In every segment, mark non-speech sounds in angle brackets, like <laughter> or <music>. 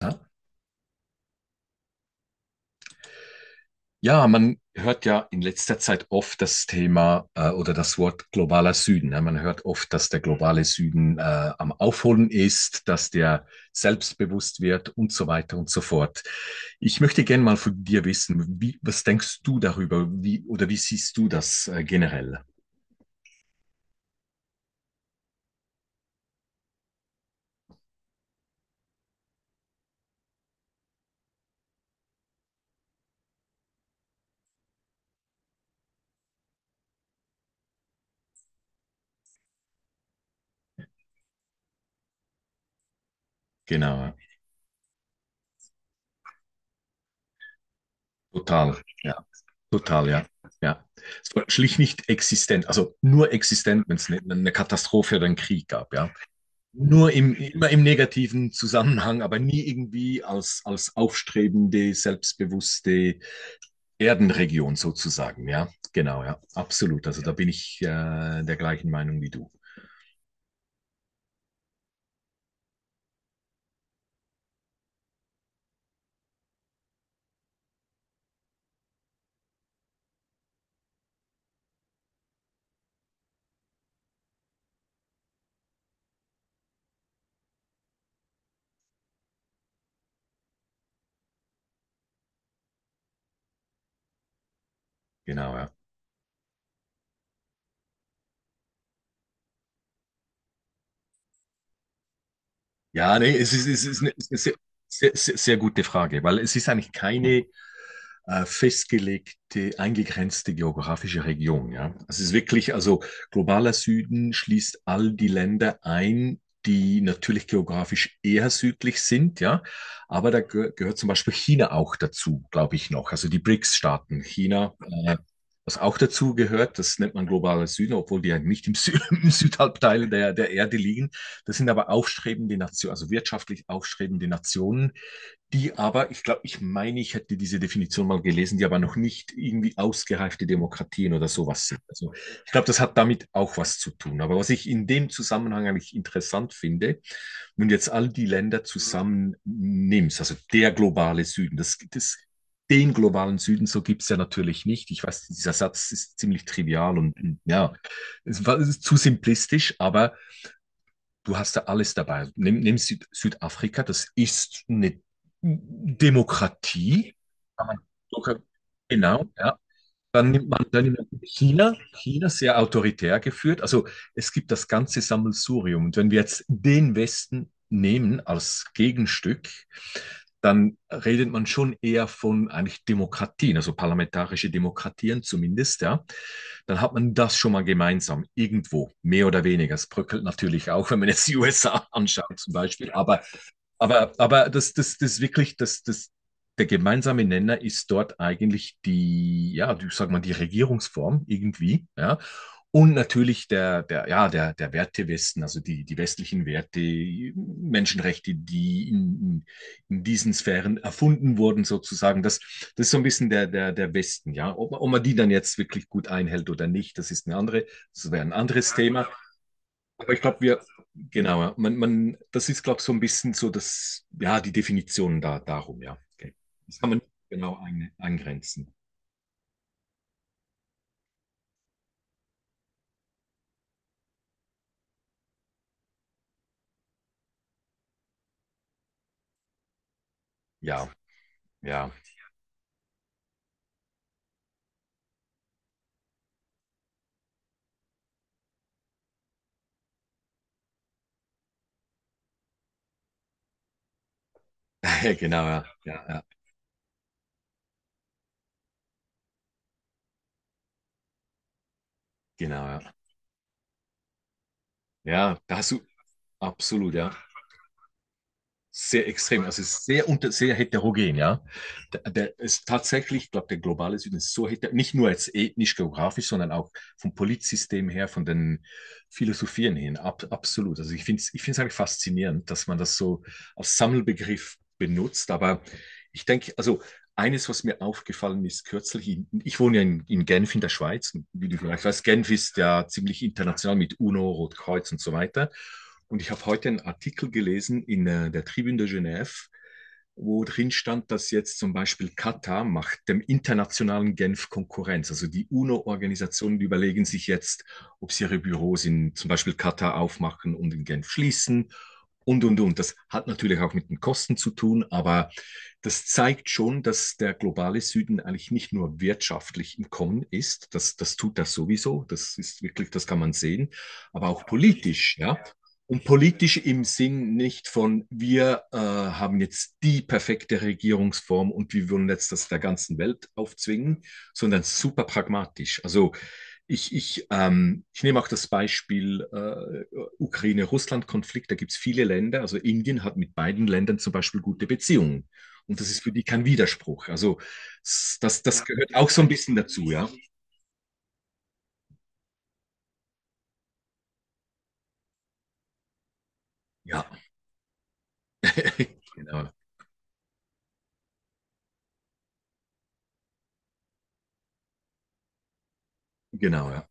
Ja, Ja, man hört ja in letzter Zeit oft das Thema oder das Wort globaler Süden. Ja, man hört oft, dass der globale Süden am Aufholen ist, dass der selbstbewusst wird und so weiter und so fort. Ich möchte gerne mal von dir wissen, wie, was denkst du darüber? Wie oder wie siehst du das generell? Genau, ja, total, ja, total, ja, ja. Es war schlicht nicht existent, also nur existent, wenn es eine Katastrophe oder einen Krieg gab, ja. Nur im, immer im negativen Zusammenhang, aber nie irgendwie als, als aufstrebende, selbstbewusste Erdenregion sozusagen. Ja, genau, ja, absolut. Also da bin ich der gleichen Meinung wie du. Genau, ja. Ja, nee, es ist eine, sehr, sehr, sehr gute Frage, weil es ist eigentlich keine festgelegte, eingegrenzte geografische Region. Ja? Es ist wirklich, also globaler Süden schließt all die Länder ein, die natürlich geografisch eher südlich sind, ja. Aber da gehört zum Beispiel China auch dazu, glaube ich noch. Also die BRICS-Staaten, China, äh, was auch dazu gehört, das nennt man globaler Süden, obwohl die ja nicht im, Sü <laughs> im Südhalbteil der, der Erde liegen. Das sind aber aufstrebende Nationen, also wirtschaftlich aufstrebende Nationen, die aber, ich glaube, ich meine, ich hätte diese Definition mal gelesen, die aber noch nicht irgendwie ausgereifte Demokratien oder sowas sind. Also ich glaube, das hat damit auch was zu tun. Aber was ich in dem Zusammenhang eigentlich interessant finde, wenn du jetzt all die Länder zusammen nimmst, also der globale Süden, das, das den globalen Süden, so gibt's ja natürlich nicht. Ich weiß, dieser Satz ist ziemlich trivial und ja, es ist zu simplistisch, aber du hast da alles dabei. Nimm Südafrika, das ist eine Demokratie. Kann man sogar- Genau, ja. Dann nimmt man China, China sehr autoritär geführt. Also es gibt das ganze Sammelsurium. Und wenn wir jetzt den Westen nehmen als Gegenstück, dann redet man schon eher von eigentlich Demokratien, also parlamentarische Demokratien zumindest, ja. Dann hat man das schon mal gemeinsam, irgendwo, mehr oder weniger. Es bröckelt natürlich auch, wenn man jetzt die USA anschaut zum Beispiel. Aber das, das, das wirklich, das, das, der gemeinsame Nenner ist dort eigentlich die, ja, ich sag mal, die Regierungsform irgendwie, ja. Und natürlich der, der, ja, der, der Werte Westen also die, die westlichen Werte, Menschenrechte, die in diesen Sphären erfunden wurden, sozusagen. Das, das ist so ein bisschen der, der, der Westen, ja. Ob, ob man die dann jetzt wirklich gut einhält oder nicht, das ist eine andere, das wäre ein anderes Thema. Aber ich glaube, wir, genau, ja, man, das ist, glaube ich, so ein bisschen so das, ja, die Definition da, darum, ja. Okay. Das kann man nicht genau ein, eingrenzen. Ja, ja, <laughs> genau, ja, ja, ja, genau, ja. Ja, da hast du, absolut, ja. Sehr extrem. Also es ist sehr unter, sehr heterogen, ja. Der, der ist tatsächlich, ich glaube, der globale Süden ist so heter, nicht nur jetzt ethnisch, geografisch, sondern auch vom Politsystem her, von den Philosophien hin. Ab, absolut. Ich finde es eigentlich faszinierend, dass man das so als Sammelbegriff benutzt. Aber ich denke, also eines, was mir aufgefallen ist, kürzlich, in, ich wohne ja in Genf in der Schweiz, und wie du vielleicht weißt, Genf ist ja ziemlich international mit UNO, Rotkreuz und so weiter. Und ich habe heute einen Artikel gelesen in der Tribune de Genève, wo drin stand, dass jetzt zum Beispiel Katar macht dem internationalen Genf Konkurrenz. Also die UNO-Organisationen überlegen sich jetzt, ob sie ihre Büros in zum Beispiel Katar aufmachen und in Genf schließen und, und. Das hat natürlich auch mit den Kosten zu tun, aber das zeigt schon, dass der globale Süden eigentlich nicht nur wirtschaftlich im Kommen ist. Das, das tut das sowieso. Das ist wirklich, das kann man sehen, aber auch politisch, ja. Und politisch im Sinn nicht von, wir haben jetzt die perfekte Regierungsform und wir wollen jetzt das der ganzen Welt aufzwingen, sondern super pragmatisch. Also ich nehme auch das Beispiel Ukraine-Russland-Konflikt. Da gibt es viele Länder. Also Indien hat mit beiden Ländern zum Beispiel gute Beziehungen. Und das ist für die kein Widerspruch. Also das, das gehört auch so ein bisschen dazu, ja. Ja, <laughs> genau, genau, ja.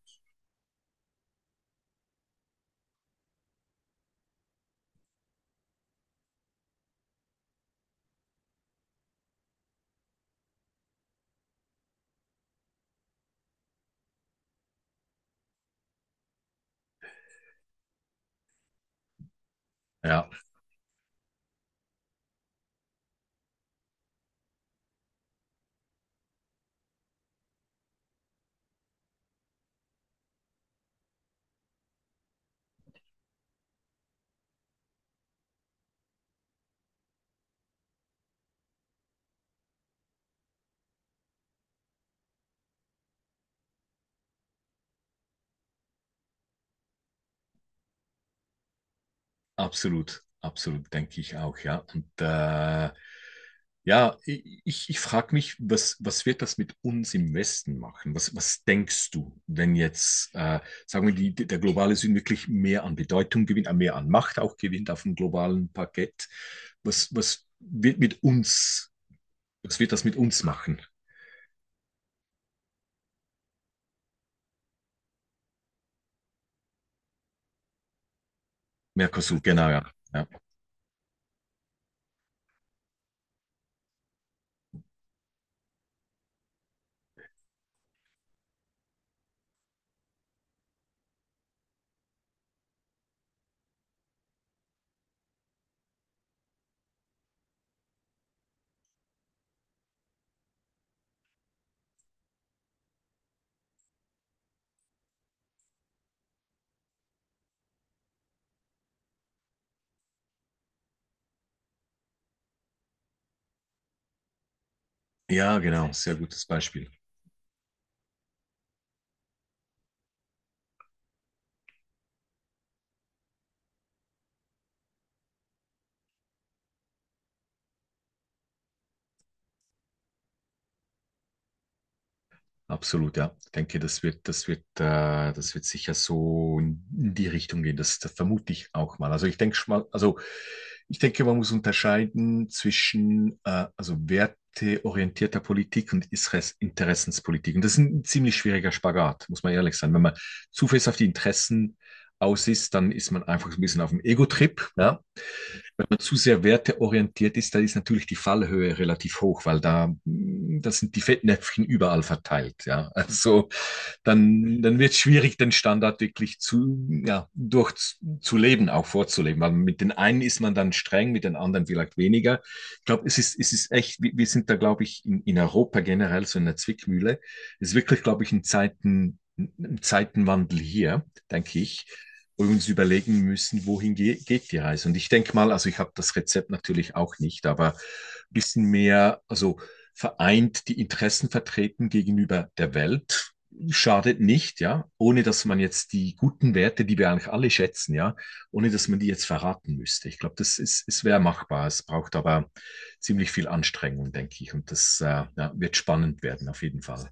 Ja. Absolut, absolut, denke ich auch, ja. Und ja, ich frage mich, was, was wird das mit uns im Westen machen? Was, was denkst du, wenn jetzt, sagen wir, die, die- der globale Süden wirklich mehr an Bedeutung gewinnt, mehr an Macht auch gewinnt auf dem globalen Parkett? Was, was wird mit uns, was wird das mit uns machen? Mercosur, genau, ja. Ja, ja, genau, sehr gutes Beispiel. Absolut, ja. Ich denke, das wird sicher so in die Richtung gehen. Das, das vermute ich auch mal. Also ich denke schon mal, also ich denke, man muss unterscheiden zwischen also werteorientierter Politik und Interessenspolitik. Und das ist ein ziemlich schwieriger Spagat, muss man ehrlich sein. Wenn man zu fest auf die Interessen aus ist, dann ist man einfach so ein bisschen auf dem Ego-Trip, ja, wenn man zu sehr werteorientiert ist, da ist natürlich die Fallhöhe relativ hoch, weil da, da sind die Fettnäpfchen überall verteilt. Ja, also dann, dann wird es schwierig, den Standard wirklich zu, ja, durch zu leben, auch vorzuleben, weil mit den einen ist man dann streng, mit den anderen vielleicht weniger. Ich glaube, es ist echt, wir sind da, glaube ich, in Europa generell so in der Zwickmühle. Es ist wirklich, glaube ich, in Zeiten Zeitenwandel hier, denke ich, uns überlegen müssen, wohin ge geht die Reise. Und ich denke mal, also ich habe das Rezept natürlich auch nicht, aber ein bisschen mehr, also vereint die Interessen vertreten gegenüber der Welt, schadet nicht, ja, ohne dass man jetzt die guten Werte, die wir eigentlich alle schätzen, ja, ohne dass man die jetzt verraten müsste. Ich glaube, das ist, es wäre machbar. Es braucht aber ziemlich viel Anstrengung, denke ich. Und das ja, wird spannend werden, auf jeden Fall.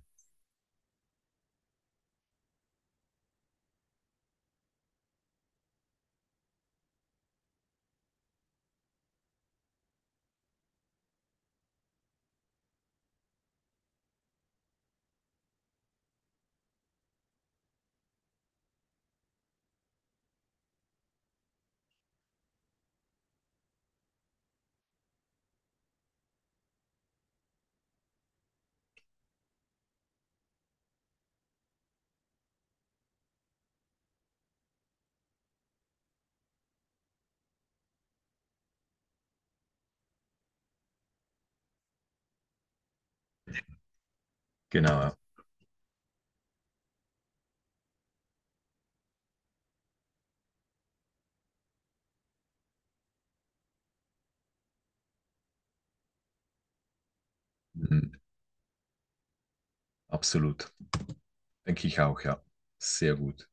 Genau, ja. Mhm. Absolut. Denke ich auch, ja. Sehr gut.